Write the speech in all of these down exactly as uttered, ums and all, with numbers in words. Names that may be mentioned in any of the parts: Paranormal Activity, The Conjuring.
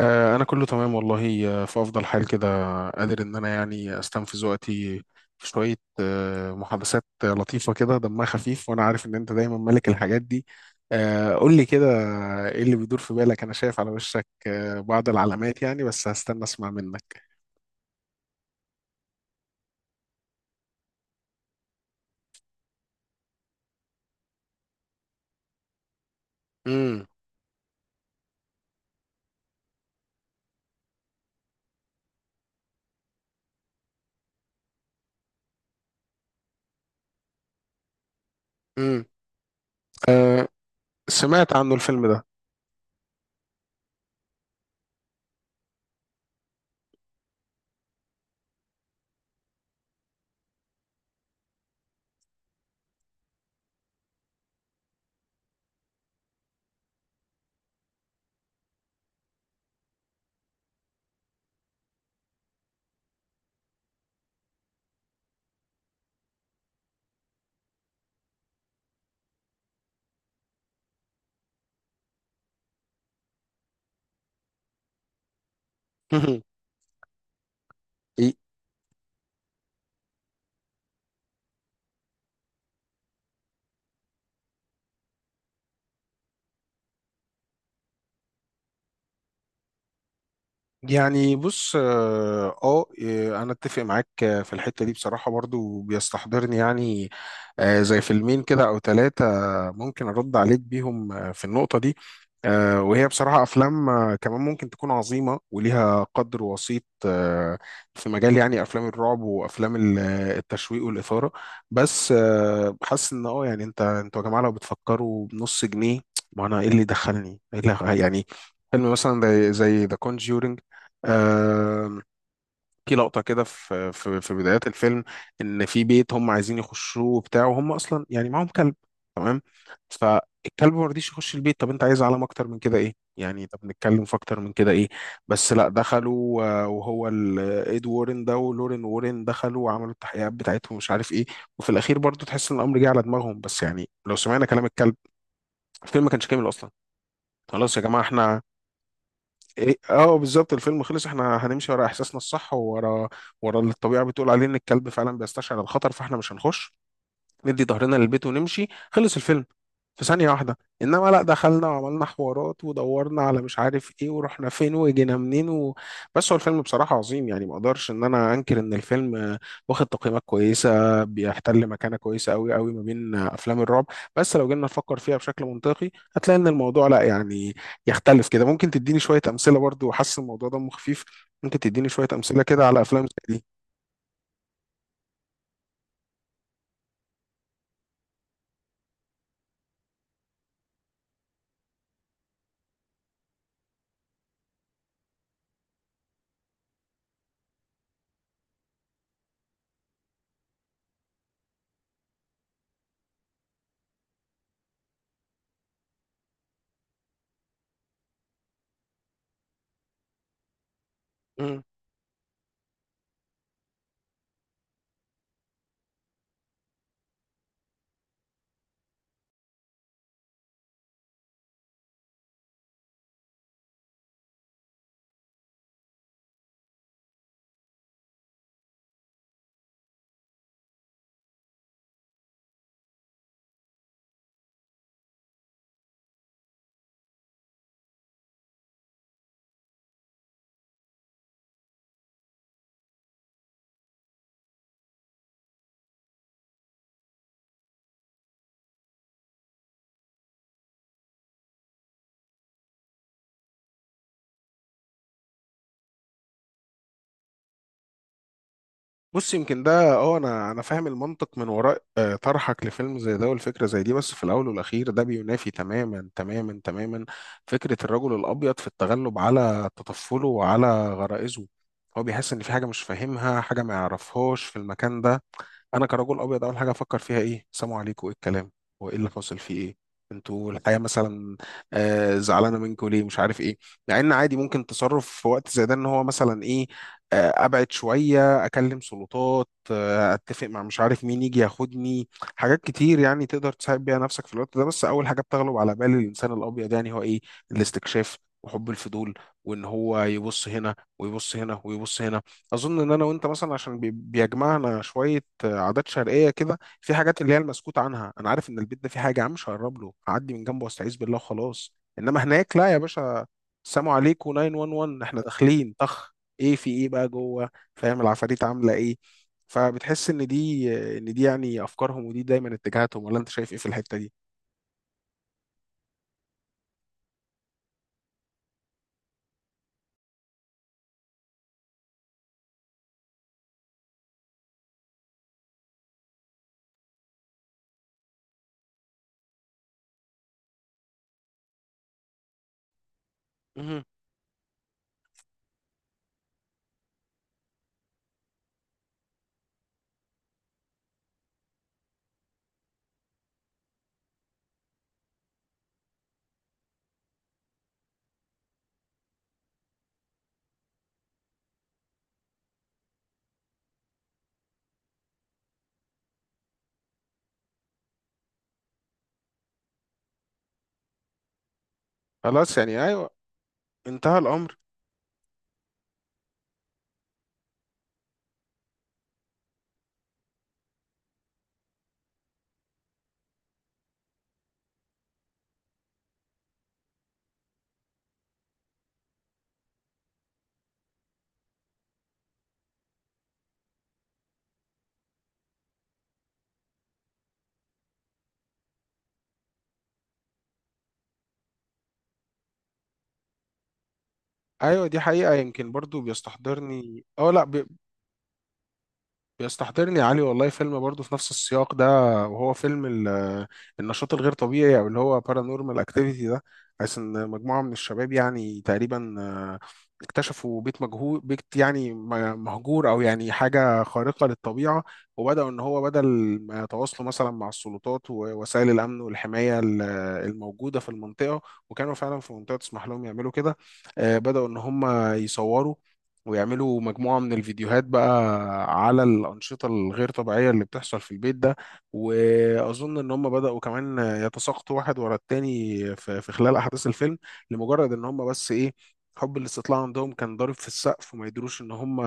آه، أنا كله تمام والله، آه، في أفضل حال كده. قادر إن أنا يعني أستنفذ وقتي في شوية آه، محادثات لطيفة كده دمها خفيف، وأنا عارف إن أنت دايما ملك الحاجات دي. آه، قول لي كده، إيه اللي بيدور في بالك؟ أنا شايف على وشك آه، بعض العلامات، يعني بس هستنى أسمع منك. امم. امم. آه، سمعت عنه الفيلم ده. يعني بص، اه آه، آه، انا اتفق معاك آه، في الحته دي. بصراحه برضو بيستحضرني يعني آه، زي فيلمين كده او ثلاثه ممكن ارد عليك بيهم آه، في النقطه دي. آه، وهي بصراحه افلام آه، كمان ممكن تكون عظيمه وليها قدر وسيط آه، في مجال يعني افلام الرعب وافلام ال- آه، التشويق والاثاره. بس آه، حاسس ان اه يعني انت انتوا يا جماعه لو بتفكروا بنص جنيه. ما انا ايه اللي دخلني؟ إيه اللي يعني فيلم مثلا زي ذا كونجورينج؟ آه، في لقطة كده في في في بدايات الفيلم، إن في بيت هم عايزين يخشوه وبتاع، وهم أصلا يعني معاهم كلب، تمام؟ فالكلب ما رضيش يخش البيت. طب أنت عايز علامة أكتر من كده إيه؟ يعني طب نتكلم في أكتر من كده إيه؟ بس لا، دخلوا آه، وهو ال- إد وورن ده ولورين وورن دخلوا وعملوا التحقيقات بتاعتهم ومش عارف إيه، وفي الأخير برضو تحس إن الأمر جه على دماغهم. بس يعني لو سمعنا كلام الكلب، الفيلم ما كانش كامل أصلا. خلاص يا جماعة، احنا إيه- اه بالظبط الفيلم خلص، احنا هنمشي ورا احساسنا الصح، وورا ورا اللي الطبيعه بتقول عليه، ان الكلب فعلا بيستشعر الخطر، فاحنا مش هنخش، ندي ظهرنا للبيت ونمشي، خلص الفيلم في ثانية واحدة. إنما لأ، دخلنا وعملنا حوارات ودورنا على مش عارف إيه، ورحنا فين، وجينا منين، و... بس هو الفيلم بصراحة عظيم، يعني ما أقدرش إن أنا أنكر إن الفيلم آه، واخد تقييمات كويسة، بيحتل مكانة كويسة أوي أوي ما بين آه، أفلام الرعب. بس لو جينا نفكر فيها بشكل منطقي، هتلاقي إن الموضوع لأ، يعني يختلف كده. ممكن تديني شوية أمثلة برضو؟ وحاسس الموضوع دمه خفيف، ممكن تديني شوية أمثلة كده على أفلام زي دي؟ بص، يمكن ده اه، انا انا فاهم المنطق من وراء آه، طرحك لفيلم زي ده والفكره زي دي. بس في الاول والاخير، ده بينافي تماما تماما تماما فكره الرجل الابيض في التغلب على تطفله وعلى غرائزه. هو بيحس ان في حاجه مش فاهمها، حاجه ما يعرفهاش في المكان ده. انا كرجل ابيض، اول حاجه افكر فيها ايه؟ سلام عليكم، ايه الكلام؟ هو ايه اللي حاصل، فيه ايه؟ انتوا الحياه مثلا آه زعلانه منكم ليه، مش عارف ايه. مع ان عادي ممكن تصرف في وقت زي ده، ان هو مثلا ايه، آه ابعد شويه، اكلم سلطات، آه اتفق مع مش عارف مين يجي ياخدني. حاجات كتير يعني تقدر تساعد بيها نفسك في الوقت ده. بس اول حاجه بتغلب على بال الانسان الابيض يعني هو ايه؟ الاستكشاف وحب الفضول، وان هو يبص هنا ويبص هنا ويبص هنا. اظن ان انا وانت مثلا عشان بي- بيجمعنا شويه آه، عادات شرقيه كده، في حاجات اللي هي المسكوت عنها. انا عارف ان البيت ده فيه حاجه، يا عم مش هقرب له، هعدي من جنبه واستعيذ بالله وخلاص. انما هناك لا يا باشا، السلام عليكم تسعة واحد واحد، احنا داخلين طخ، ايه في ايه بقى جوه؟ فاهم؟ العفاريت عامله ايه؟ فبتحس ان دي آه، ان دي يعني افكارهم، ودي دايما اتجاهاتهم. ولا انت شايف ايه في الحته دي؟ مهم. خلاص يعني ايوه، انتهى الامر. ايوه دي حقيقه. يمكن برضو بيستحضرني اه لا، بيستحضرني يا علي والله فيلم برضه في نفس السياق ده، وهو فيلم ال- النشاط الغير طبيعي، او اللي هو بارانورمال اكتيفيتي ده. حيث ان مجموعه من الشباب يعني تقريبا آه، اكتشفوا بيت مجهول، بيت يعني م- مهجور، او يعني حاجه خارقه للطبيعه. وبداوا ان هو بدل ما يتواصلوا مثلا مع السلطات ووسائل الامن والحمايه ال- الموجوده في المنطقه، وكانوا فعلا في منطقه تسمح لهم يعملوا كده، آه، بداوا ان هم يصوروا ويعملوا مجموعة من الفيديوهات بقى على الأنشطة الغير طبيعية اللي بتحصل في البيت ده. وأظن إن هم بدأوا كمان يتساقطوا واحد ورا التاني في في خلال أحداث الفيلم، لمجرد إن هم بس إيه؟ حب الاستطلاع عندهم كان ضارب في السقف، وما يدروش إن هم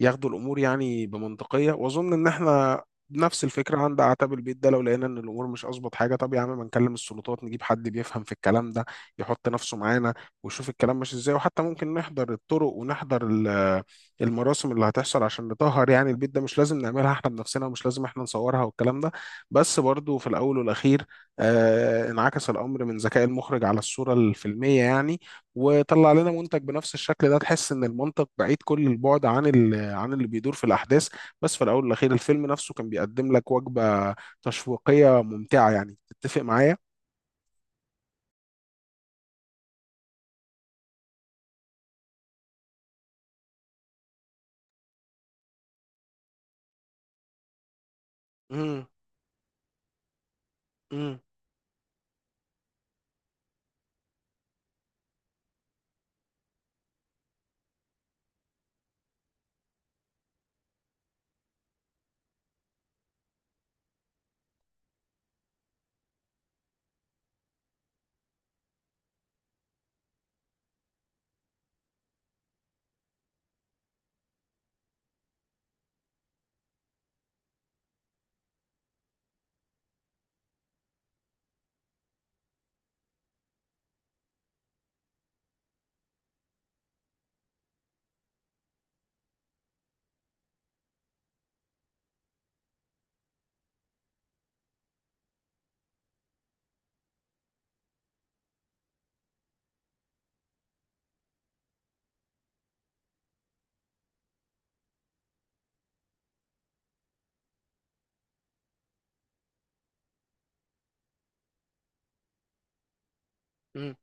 ياخدوا الأمور يعني بمنطقية. وأظن إن إحنا نفس الفكرة، عند أعتاب البيت ده لو لقينا إن الأمور مش أظبط حاجة، طب يا عم ما نكلم السلطات، نجيب حد بيفهم في الكلام ده يحط نفسه معانا، وشوف الكلام ماشي ازاي. وحتى ممكن نحضر الطرق ونحضر ال- المراسم اللي هتحصل عشان نطهر يعني البيت ده، مش لازم نعملها احنا بنفسنا، ومش لازم احنا نصورها والكلام ده. بس برضو في الاول والاخير، آه انعكس الامر من ذكاء المخرج على الصورة الفيلمية يعني، وطلع لنا منتج بنفس الشكل ده، تحس ان المنطق بعيد كل البعد عن ال- عن اللي بيدور في الاحداث. بس في الاول والاخير، الفيلم نفسه كان بيقدم لك وجبة تشويقية ممتعة، يعني تتفق معايا. امم. امم. امم.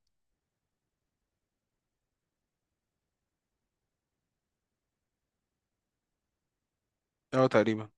اه تقريبا.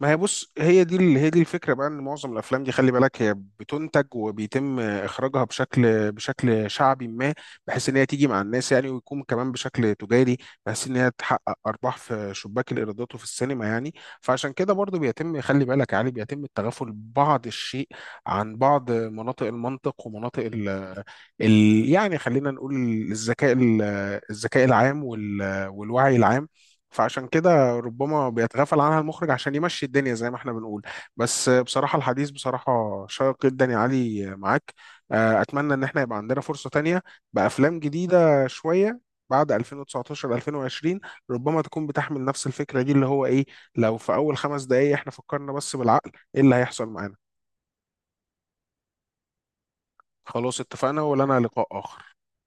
ما هي بص، هي دي ال- هي دي الفكره بقى، ان معظم الافلام دي خلي بالك هي بتنتج وبيتم اخراجها بشكل بشكل شعبي، ما بحيث ان هي تيجي مع الناس يعني، ويكون كمان بشكل تجاري، بحيث ان هي تحقق ارباح في شباك الايرادات وفي السينما يعني. فعشان كده برضو بيتم خلي بالك يعني بيتم التغافل بعض الشيء عن بعض مناطق المنطق ومناطق ال ال يعني خلينا نقول الذكاء ال- الذكاء العام وال- والوعي العام. فعشان كده ربما بيتغافل عنها المخرج عشان يمشي الدنيا زي ما احنا بنقول. بس بصراحة الحديث بصراحة شيق جدا يا علي معاك. آه، أتمنى إن احنا يبقى عندنا فرصة تانية بأفلام جديدة شوية بعد ألفين وتسعتاشر ألفين وعشرين، ربما تكون بتحمل نفس الفكرة دي، اللي هو إيه؟ لو في أول خمس دقايق احنا فكرنا بس بالعقل، إيه اللي هيحصل معانا. خلاص اتفقنا، ولنا لقاء آخر.